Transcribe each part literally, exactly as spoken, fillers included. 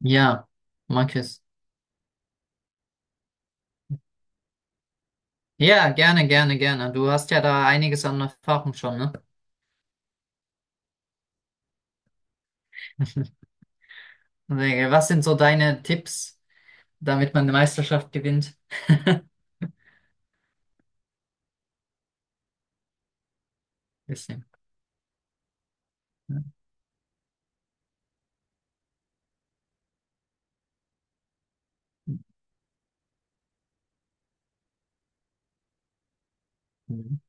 Ja, mag es. Ja, gerne, gerne, gerne. Du hast ja da einiges an Erfahrung schon, ne? Was sind so deine Tipps, damit man eine Meisterschaft gewinnt? Bisschen. Ne? Mhm.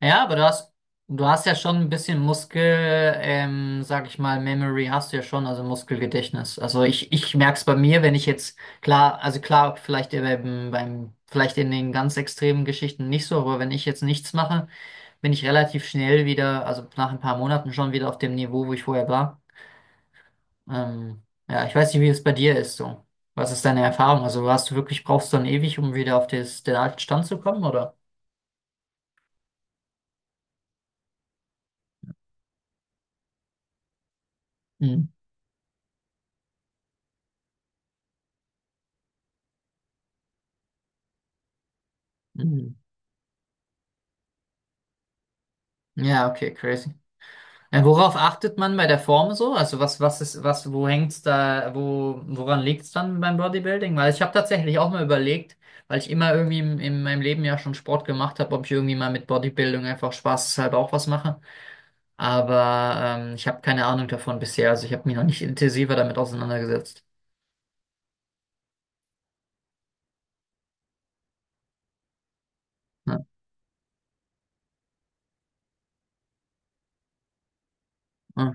Ja, aber du hast, du hast ja schon ein bisschen Muskel, ähm, sag ich mal, Memory hast du ja schon, also Muskelgedächtnis. Also ich, ich merke es bei mir, wenn ich jetzt, klar, also klar, vielleicht beim, beim, vielleicht in den ganz extremen Geschichten nicht so, aber wenn ich jetzt nichts mache, bin ich relativ schnell wieder, also nach ein paar Monaten schon wieder auf dem Niveau, wo ich vorher war. Ähm, ja, ich weiß nicht, wie es bei dir ist so. Was ist deine Erfahrung? Also hast du wirklich, brauchst du dann ewig, um wieder auf des, den alten Stand zu kommen, oder? Mhm. Mhm. Ja, okay, crazy. Ja, worauf achtet man bei der Form so? Also was, was ist, was, wo hängt's da, wo, woran liegt's dann beim Bodybuilding? Weil ich habe tatsächlich auch mal überlegt, weil ich immer irgendwie in, in meinem Leben ja schon Sport gemacht habe, ob ich irgendwie mal mit Bodybuilding einfach spaßeshalber auch was mache. Aber ähm, ich habe keine Ahnung davon bisher. Also ich habe mich noch nicht intensiver damit auseinandergesetzt. Ja. Ja.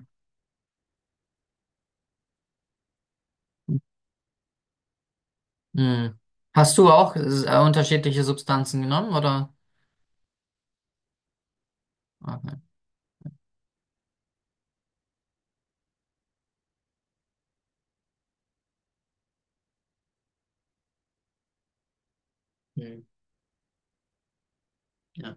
Hm. Hast du auch äh, unterschiedliche Substanzen genommen, oder? Okay. Hm. Ja.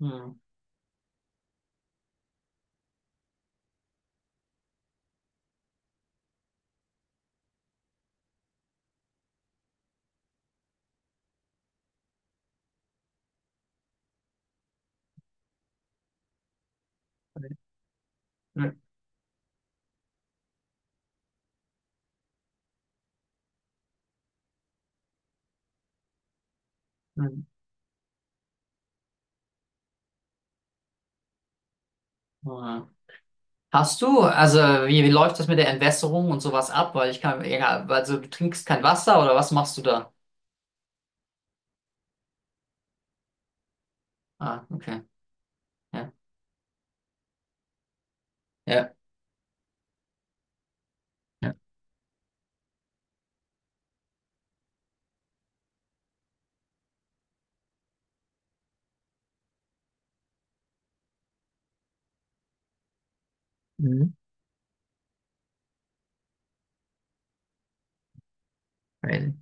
Hm. Hm. Hm. Hm. Hast du, also wie, wie läuft das mit der Entwässerung und sowas ab? Weil ich kann, egal, also du trinkst kein Wasser oder was machst du da? Ah, okay. Ja. Ja. Ja. Mhm. Crazy.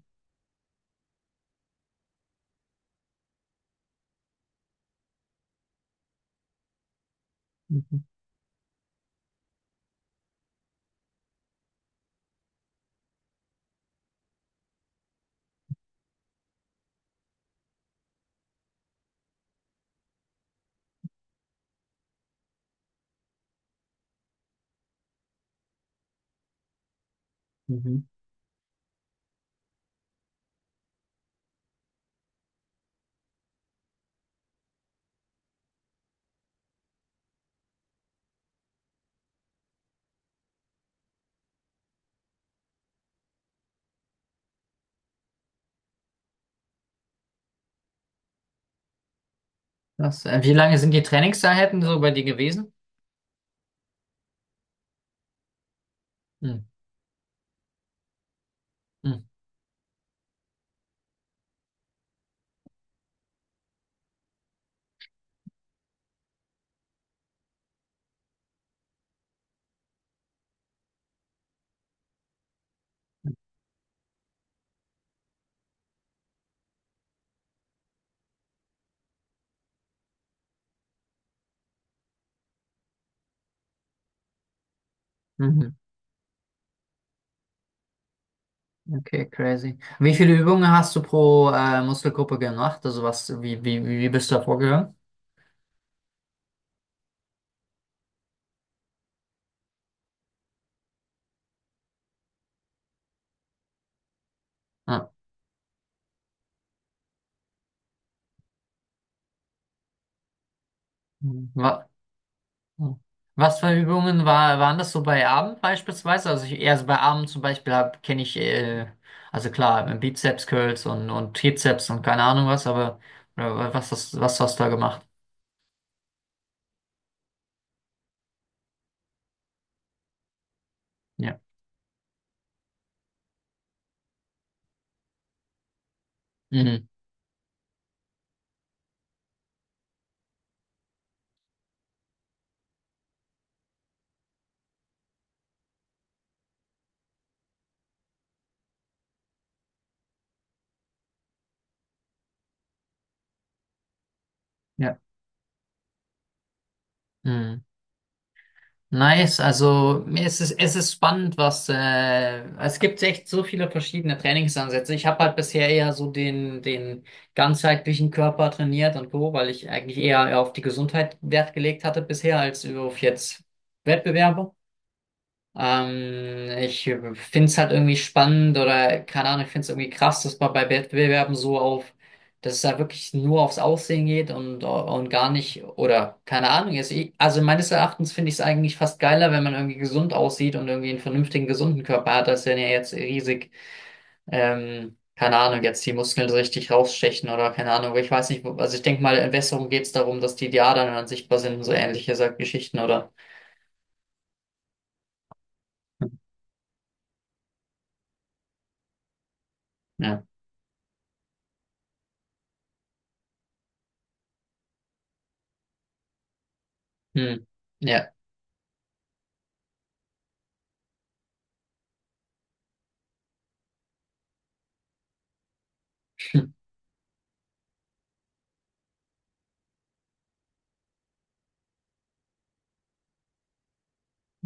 Mhm. Mhm. Das, äh, wie lange sind die Trainingseinheiten so bei dir gewesen? Mhm. Mhm. Mhm. Okay, crazy. Wie viele Übungen hast du pro äh, Muskelgruppe gemacht? Also was, wie, wie, wie bist du da vorgegangen? Ja. Wa- Was für Übungen war, waren das so bei Abend beispielsweise? Also ich, eher so bei Abend zum Beispiel hab, kenne ich, äh, also klar, Bizeps Curls und, und Trizeps und keine Ahnung was, aber äh, was, hast- was hast du da gemacht? Ja. Mhm. Ja. Mhm. Nice, also es ist es, ist spannend, was äh, es gibt echt so viele verschiedene Trainingsansätze. Ich habe halt bisher eher so den, den ganzheitlichen Körper trainiert und so, weil ich eigentlich eher auf die Gesundheit Wert gelegt hatte bisher als auf jetzt Wettbewerbe. Ähm, ich finde es halt irgendwie spannend oder keine Ahnung, ich finde es irgendwie krass, dass man bei Wettbewerben so auf, dass es da wirklich nur aufs Aussehen geht und, und gar nicht, oder keine Ahnung, jetzt, ich- also meines Erachtens finde ich es eigentlich fast geiler, wenn man irgendwie gesund aussieht und irgendwie einen vernünftigen, gesunden Körper hat, als wenn er jetzt riesig, ähm, keine Ahnung, jetzt die Muskeln so richtig rausstechen oder keine Ahnung, aber ich weiß nicht, wo- also ich denke mal, in Besserung geht es darum, dass die Adern dann sichtbar sind und so ähnliche so Geschichten, oder? Ja. Hm. Ja.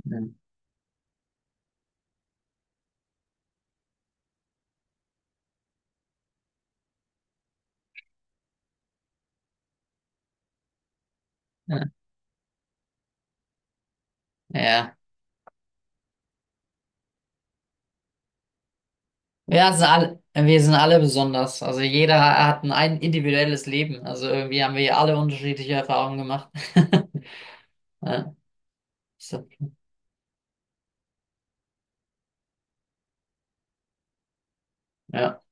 Ja. Ja, wir sind alle, wir sind alle besonders. Also jeder hat ein, ein individuelles Leben. Also irgendwie haben wir alle unterschiedliche Erfahrungen gemacht. Ja, so, ja.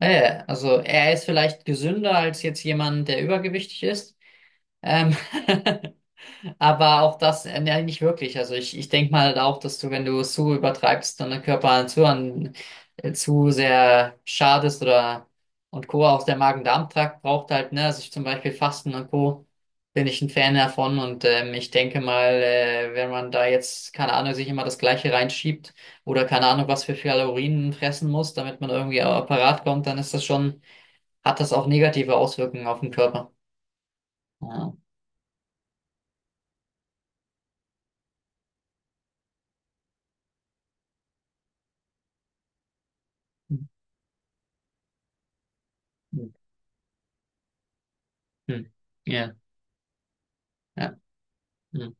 Ja, ja, also er ist vielleicht gesünder als jetzt jemand, der übergewichtig ist. Ähm, Aber auch das, äh, ja, nicht wirklich. Also ich, ich denke mal auch, dass du, wenn du es zu übertreibst, und den Körper zu, an, äh, zu sehr schadest oder und Co. Auch der Magen-Darm-Trakt braucht halt, ne, also ich zum Beispiel Fasten und Co. bin ich ein Fan davon und ähm, ich denke mal, äh, wenn man da jetzt, keine Ahnung, sich immer das Gleiche reinschiebt oder keine Ahnung, was für Kalorien fressen muss, damit man irgendwie auch parat kommt, dann ist das schon, hat das auch negative Auswirkungen auf den Körper. Ja. Hm. Hm. Hm. Ja. Ja. Hm.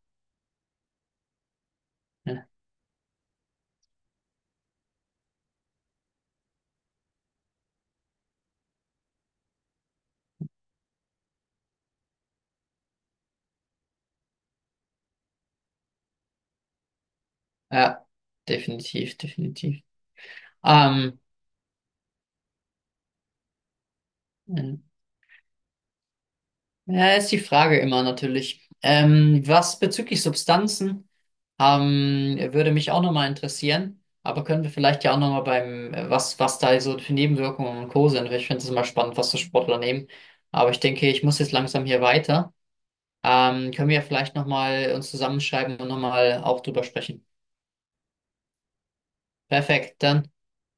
Ja, ja, definitiv, definitiv. Ähm, ja, ist die Frage immer natürlich. Ähm, was bezüglich Substanzen ähm, würde mich auch nochmal interessieren, aber können wir vielleicht ja auch nochmal beim, äh, was, was da so für Nebenwirkungen und Co. sind. Weil ich finde es immer spannend, was so Sportler nehmen. Aber ich denke, ich muss jetzt langsam hier weiter. Ähm, können wir ja vielleicht nochmal uns zusammenschreiben und nochmal auch drüber sprechen. Perfekt, dann.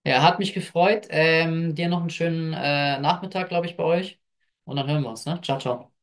Ja, hat mich gefreut. Ähm, dir noch einen schönen äh, Nachmittag, glaube ich, bei euch. Und dann hören wir uns, ne? Ciao, ciao.